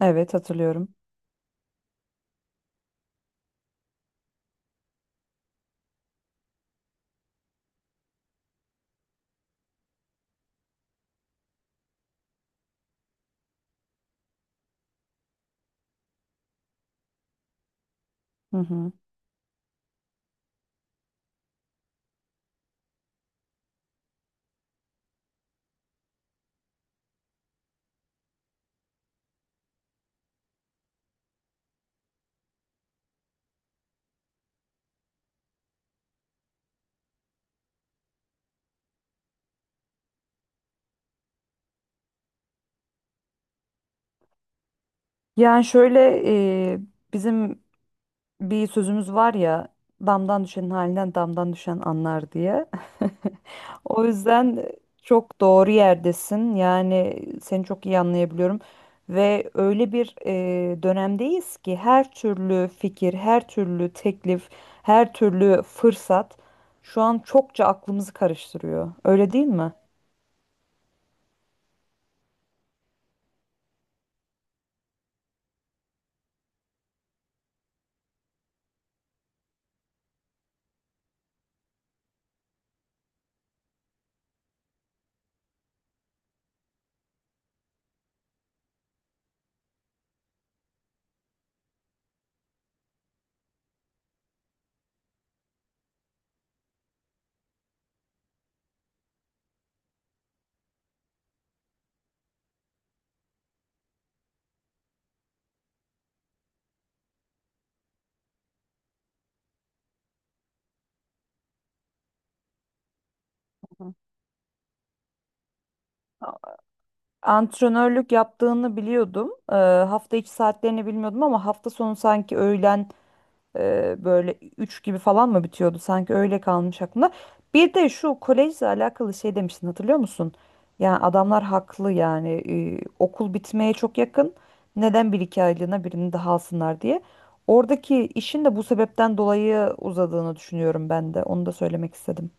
Evet hatırlıyorum. Hı hı. Yani şöyle, e, bizim bir sözümüz var ya, damdan düşenin halinden damdan düşen anlar diye. O yüzden çok doğru yerdesin. Yani seni çok iyi anlayabiliyorum. Ve öyle bir dönemdeyiz ki her türlü fikir, her türlü teklif, her türlü fırsat şu an çokça aklımızı karıştırıyor. Öyle değil mi? Hı. Antrenörlük yaptığını biliyordum. Hafta içi saatlerini bilmiyordum ama hafta sonu sanki öğlen böyle 3 gibi falan mı bitiyordu? Sanki öyle kalmış aklımda. Bir de şu kolejle alakalı şey demiştin, hatırlıyor musun? Yani adamlar haklı, yani okul bitmeye çok yakın. Neden bir iki aylığına birini daha alsınlar diye. Oradaki işin de bu sebepten dolayı uzadığını düşünüyorum ben de. Onu da söylemek istedim.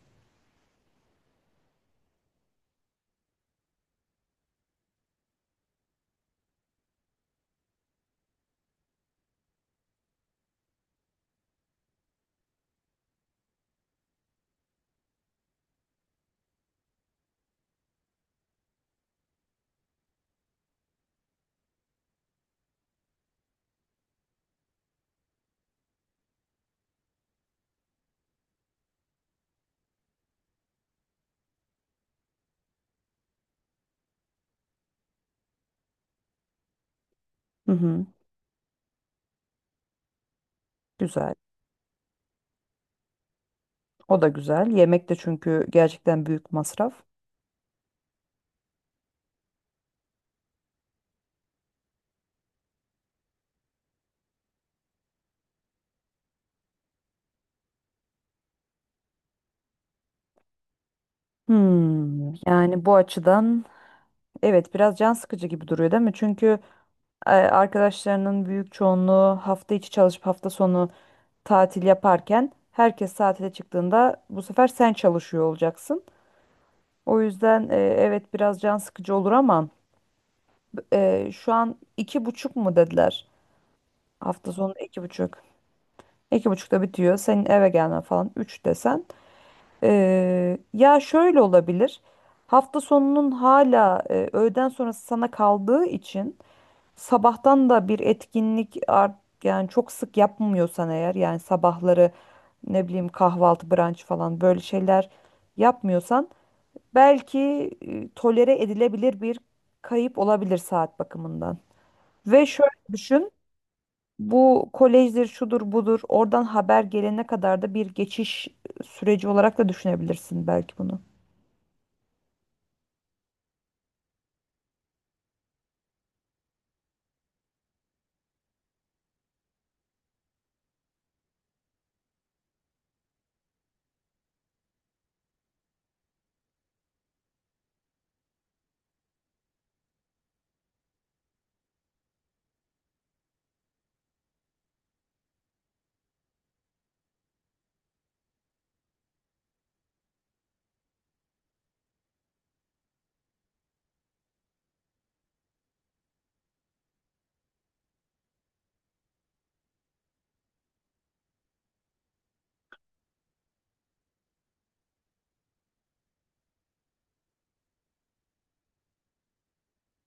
Hı hı, güzel. O da güzel. Yemek de, çünkü gerçekten büyük masraf. Hmm, yani bu açıdan evet, biraz can sıkıcı gibi duruyor değil mi? Çünkü arkadaşlarının büyük çoğunluğu hafta içi çalışıp hafta sonu tatil yaparken, herkes tatile çıktığında bu sefer sen çalışıyor olacaksın. O yüzden evet, biraz can sıkıcı olur ama şu an iki buçuk mu dediler? Hafta sonu iki buçuk. İki buçukta bitiyor. Senin eve gelmen falan üç desen. Ya şöyle olabilir. Hafta sonunun hala öğleden sonrası sana kaldığı için sabahtan da bir etkinlik yani çok sık yapmıyorsan eğer, yani sabahları ne bileyim kahvaltı, brunch falan, böyle şeyler yapmıyorsan belki tolere edilebilir bir kayıp olabilir saat bakımından. Ve şöyle düşün. Bu kolejdir, şudur, budur. Oradan haber gelene kadar da bir geçiş süreci olarak da düşünebilirsin belki bunu.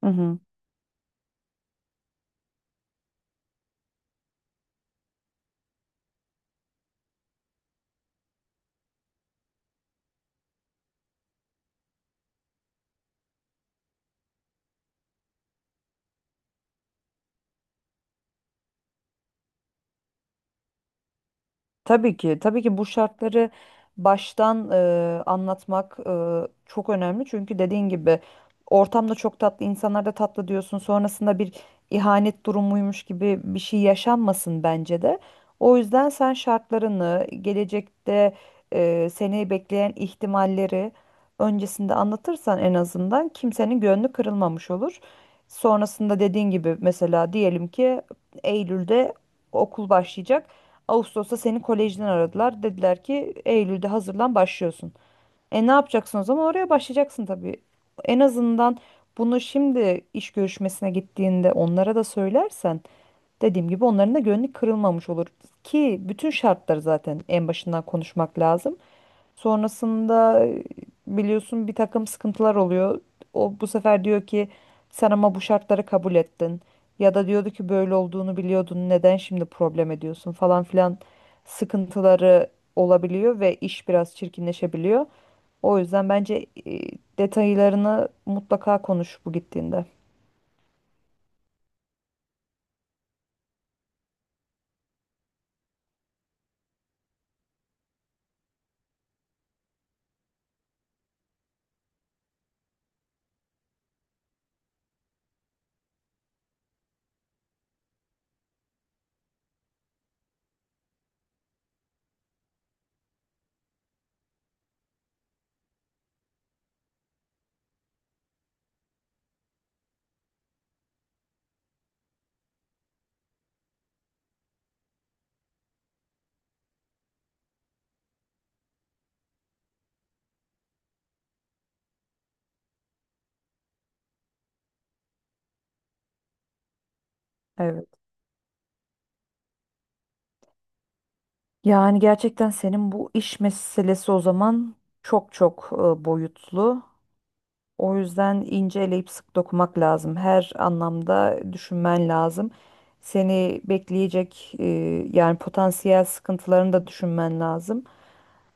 Hı hı. Tabii ki, tabii ki bu şartları baştan anlatmak çok önemli. Çünkü dediğin gibi ortamda çok tatlı, insanlar da tatlı diyorsun. Sonrasında bir ihanet durumuymuş gibi bir şey yaşanmasın bence de. O yüzden sen şartlarını, gelecekte seni bekleyen ihtimalleri öncesinde anlatırsan, en azından kimsenin gönlü kırılmamış olur. Sonrasında dediğin gibi mesela diyelim ki Eylül'de okul başlayacak. Ağustos'ta seni kolejden aradılar. Dediler ki Eylül'de hazırlan, başlıyorsun. E, ne yapacaksın o zaman? Oraya başlayacaksın tabii. En azından bunu şimdi iş görüşmesine gittiğinde onlara da söylersen, dediğim gibi, onların da gönlü kırılmamış olur. Ki bütün şartları zaten en başından konuşmak lazım. Sonrasında biliyorsun bir takım sıkıntılar oluyor. O bu sefer diyor ki sen ama bu şartları kabul ettin. Ya da diyordu ki böyle olduğunu biliyordun, neden şimdi problem ediyorsun falan filan, sıkıntıları olabiliyor ve iş biraz çirkinleşebiliyor. O yüzden bence detaylarını mutlaka konuş bu gittiğinde. Evet. Yani gerçekten senin bu iş meselesi o zaman çok çok boyutlu. O yüzden ince eleyip sık dokumak lazım. Her anlamda düşünmen lazım. Seni bekleyecek yani potansiyel sıkıntılarını da düşünmen lazım.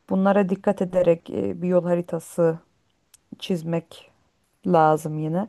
Bunlara dikkat ederek bir yol haritası çizmek lazım yine.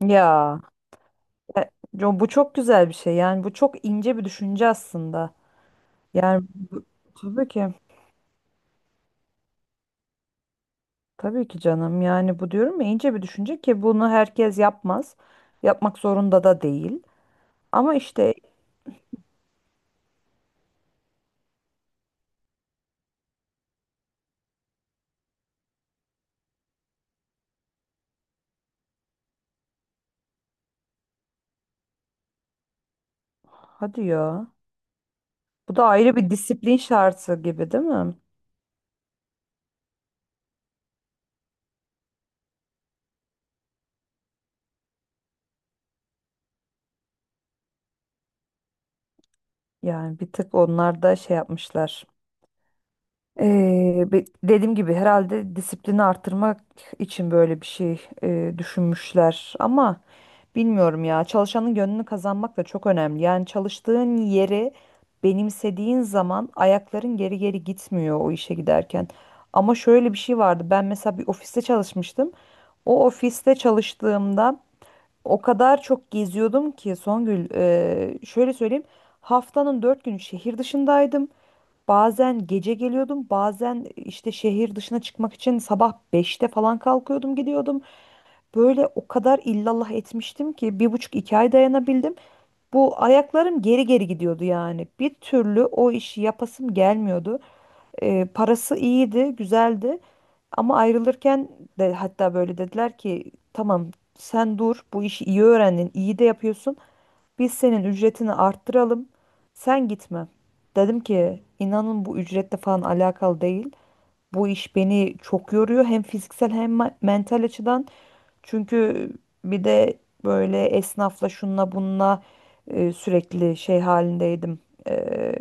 Ya, e, bu çok güzel bir şey. Yani bu çok ince bir düşünce aslında. Yani bu- tabii ki, tabii ki canım. Yani bu diyorum ya, ince bir düşünce ki bunu herkes yapmaz. Yapmak zorunda da değil. Ama işte hadi ya. Bu da ayrı bir disiplin şartı gibi değil mi? Yani bir tık onlar da şey yapmışlar. Dediğim gibi, herhalde disiplini arttırmak için böyle bir şey düşünmüşler. Ama bilmiyorum ya, çalışanın gönlünü kazanmak da çok önemli. Yani çalıştığın yeri benimsediğin zaman ayakların geri geri gitmiyor o işe giderken. Ama şöyle bir şey vardı. Ben mesela bir ofiste çalışmıştım. O ofiste çalıştığımda o kadar çok geziyordum ki Songül, şöyle söyleyeyim. Haftanın 4 günü şehir dışındaydım. Bazen gece geliyordum, bazen işte şehir dışına çıkmak için sabah 5'te falan kalkıyordum, gidiyordum. Böyle o kadar illallah etmiştim ki bir buçuk iki ay dayanabildim. Bu ayaklarım geri geri gidiyordu yani. Bir türlü o işi yapasım gelmiyordu. E, parası iyiydi, güzeldi. Ama ayrılırken de hatta böyle dediler ki tamam, sen dur, bu işi iyi öğrendin, iyi de yapıyorsun. Biz senin ücretini arttıralım. Sen gitme. Dedim ki inanın bu ücretle falan alakalı değil. Bu iş beni çok yoruyor hem fiziksel hem mental açıdan. Çünkü bir de böyle esnafla şunla bununla sürekli şey halindeydim. E,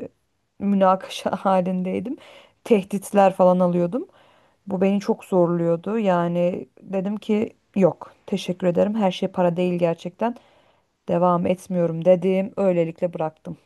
münakaşa halindeydim. Tehditler falan alıyordum. Bu beni çok zorluyordu. Yani dedim ki yok, teşekkür ederim. Her şey para değil gerçekten. Devam etmiyorum dedim. Öylelikle bıraktım.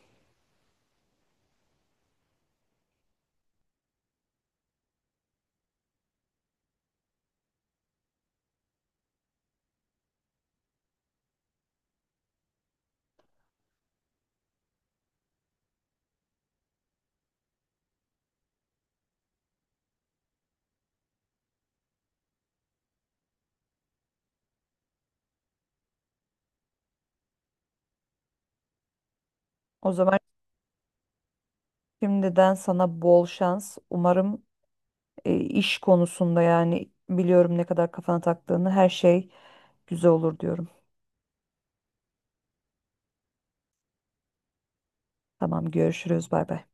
O zaman şimdiden sana bol şans. Umarım iş konusunda, yani biliyorum ne kadar kafana taktığını, her şey güzel olur diyorum. Tamam, görüşürüz, bay bay.